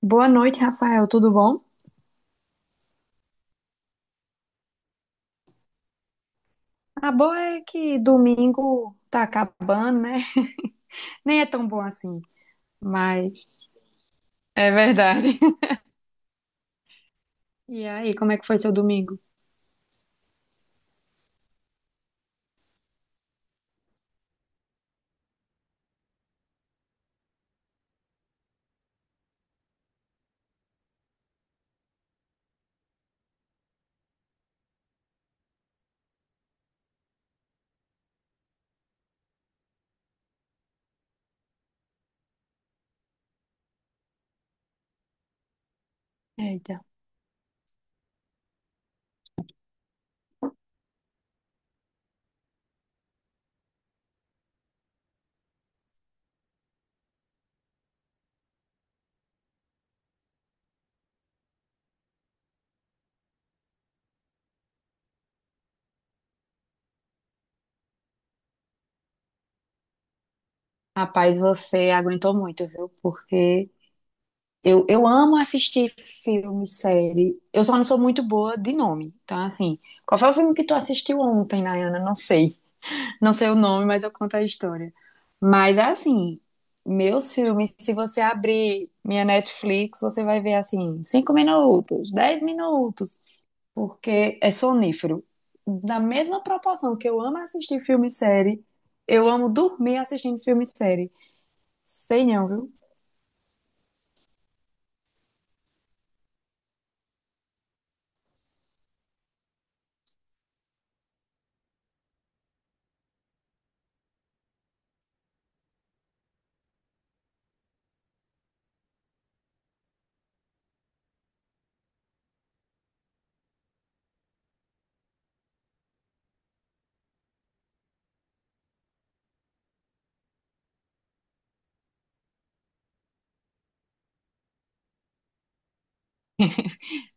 Boa noite, Rafael. Tudo bom? A boa é que domingo tá acabando, né? Nem é tão bom assim, mas é verdade. E aí, como é que foi seu domingo? Eita. Rapaz, você aguentou muito, viu? Porque eu amo assistir filme, série. Eu só não sou muito boa de nome. Então, assim, qual foi o filme que tu assistiu ontem, Nayana? Não sei. Não sei o nome, mas eu conto a história. Mas é assim, meus filmes, se você abrir minha Netflix, você vai ver assim, 5 minutos, 10 minutos, porque é sonífero. Da mesma proporção que eu amo assistir filme e série, eu amo dormir assistindo filme e série. Sei não, viu?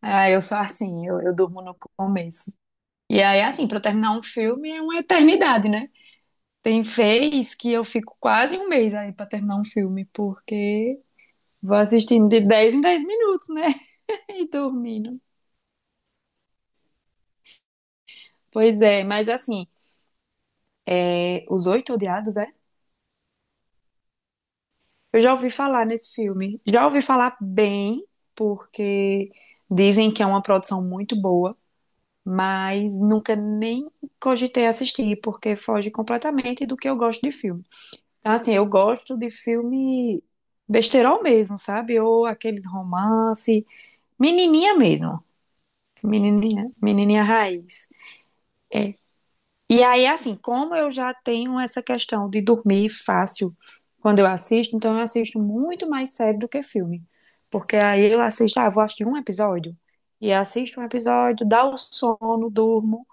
Ah, eu sou assim, eu durmo no começo. E aí, assim, pra eu terminar um filme é uma eternidade, né? Tem vez que eu fico quase um mês aí pra terminar um filme, porque vou assistindo de 10 em 10 minutos, né? E dormindo. Pois é, mas assim, é, Os Oito Odiados, é? Eu já ouvi falar nesse filme. Já ouvi falar bem, porque dizem que é uma produção muito boa, mas nunca nem cogitei assistir, porque foge completamente do que eu gosto de filme. Então, assim, eu gosto de filme besteirol mesmo, sabe? Ou aqueles romance, menininha mesmo. Menininha, menininha raiz. E aí, assim, como eu já tenho essa questão de dormir fácil quando eu assisto, então eu assisto muito mais série do que filme. Porque aí eu assisto, ah, vou assistir um episódio. E assisto um episódio, dá o sono, durmo,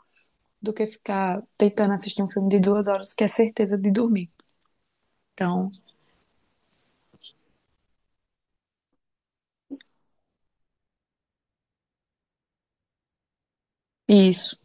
do que ficar tentando assistir um filme de 2 horas, que é certeza de dormir. Então, isso.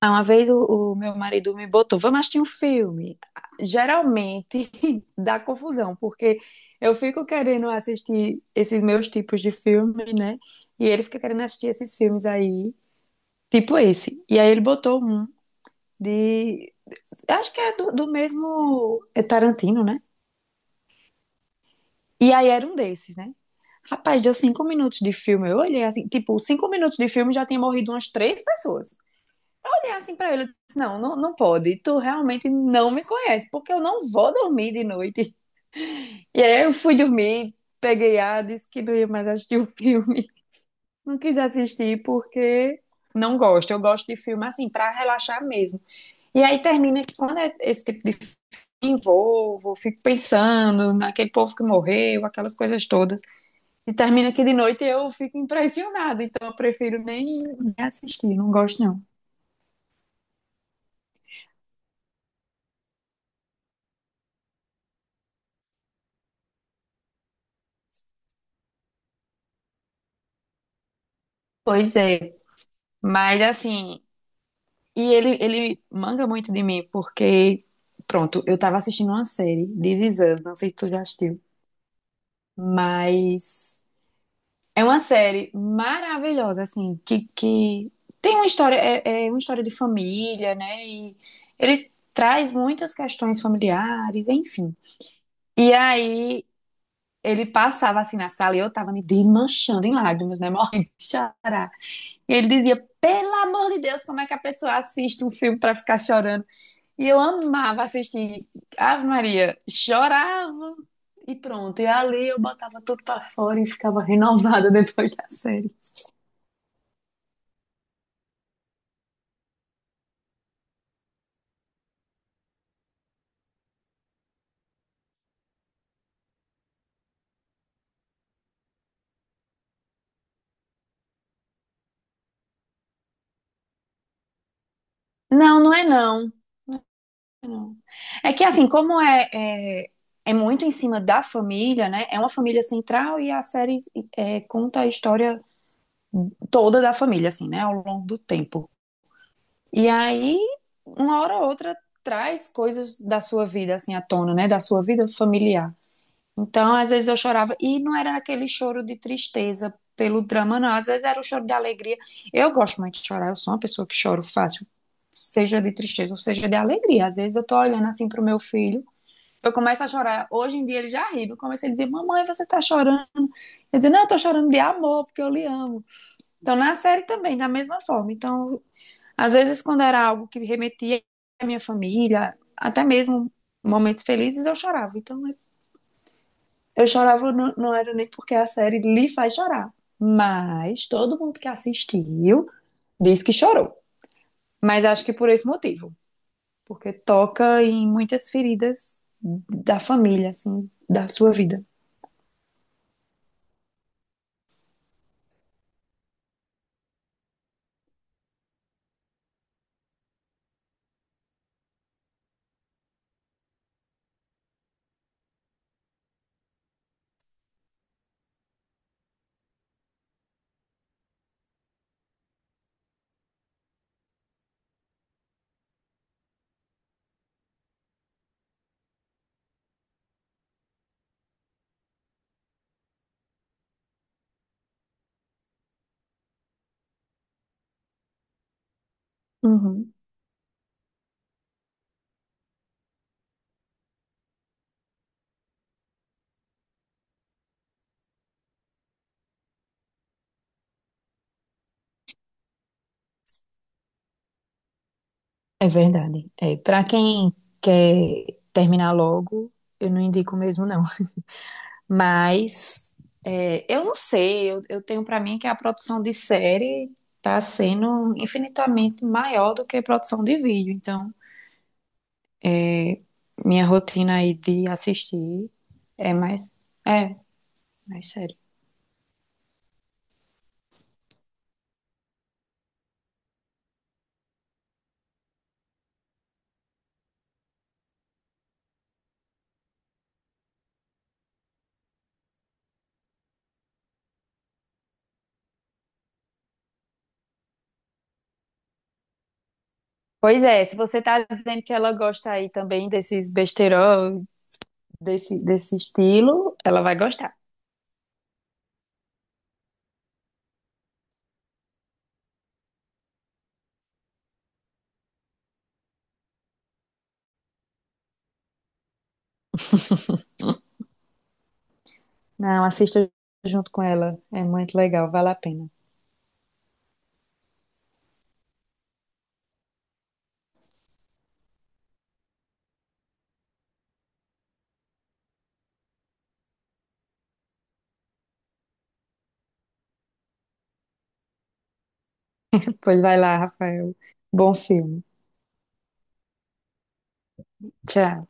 Ah, uma vez o meu marido me botou, vamos assistir um filme. Geralmente dá confusão, porque eu fico querendo assistir esses meus tipos de filme, né? E ele fica querendo assistir esses filmes aí, tipo esse. E aí ele botou um de. Eu acho que é do mesmo é Tarantino, né? E aí era um desses, né? Rapaz, deu 5 minutos de filme. Eu olhei assim, tipo, 5 minutos de filme já tinha morrido umas três pessoas. E assim pra ele, eu disse, não, não, não pode, tu realmente não me conhece, porque eu não vou dormir de noite. E aí eu fui dormir, peguei a, disse que não ia mais assistir o filme. Não quis assistir porque não gosto. Eu gosto de filme assim, pra relaxar mesmo. E aí termina que quando é esse tipo de filme, envolvo, fico pensando naquele povo que morreu, aquelas coisas todas. E termina que de noite eu fico impressionada. Então eu prefiro nem assistir, não gosto não. Pois é. Mas assim, e ele manga muito de mim, porque, pronto, eu tava assistindo uma série, This Is Us, não sei se tu já assistiu, mas é uma série maravilhosa, assim, que tem uma história, é uma história de família, né? E ele traz muitas questões familiares, enfim. E aí ele passava assim na sala e eu tava me desmanchando em lágrimas, né? Morrendo de chorar. E ele dizia: pelo amor de Deus, como é que a pessoa assiste um filme pra ficar chorando? E eu amava assistir Ave Maria, chorava e pronto. E ali eu botava tudo pra fora e ficava renovada depois da série. Não, não é não. Não. É que assim, como é muito em cima da família, né? É uma família central e a série é, conta a história toda da família, assim, né? Ao longo do tempo. E aí, uma hora ou outra, traz coisas da sua vida, assim, à tona, né? Da sua vida familiar. Então, às vezes eu chorava, e não era aquele choro de tristeza pelo drama, não, às vezes era o choro de alegria. Eu gosto muito de chorar, eu sou uma pessoa que choro fácil, seja de tristeza ou seja de alegria. Às vezes eu tô olhando assim pro meu filho, eu começo a chorar. Hoje em dia ele já ri, eu comecei a dizer: Mamãe, você tá chorando? Eu dizia: Não, eu tô chorando de amor, porque eu lhe amo. Então, na série também, da mesma forma. Então, às vezes, quando era algo que remetia à minha família, até mesmo momentos felizes, eu chorava. Então, é eu chorava, não, não era nem porque a série lhe faz chorar, mas todo mundo que assistiu diz que chorou. Mas acho que por esse motivo, porque toca em muitas feridas da família, assim, da sua vida. Uhum. É verdade. É, para quem quer terminar logo, eu não indico mesmo, não. Mas é, eu não sei, eu tenho para mim que a produção de série tá sendo infinitamente maior do que a produção de vídeo. Então, minha rotina aí de assistir é mais, é, mais sério. Pois é, se você tá dizendo que ela gosta aí também desses besteirol, desse estilo, ela vai gostar. Não, assista junto com ela, é muito legal, vale a pena. Pois vai lá, Rafael. Bom filme. Tchau.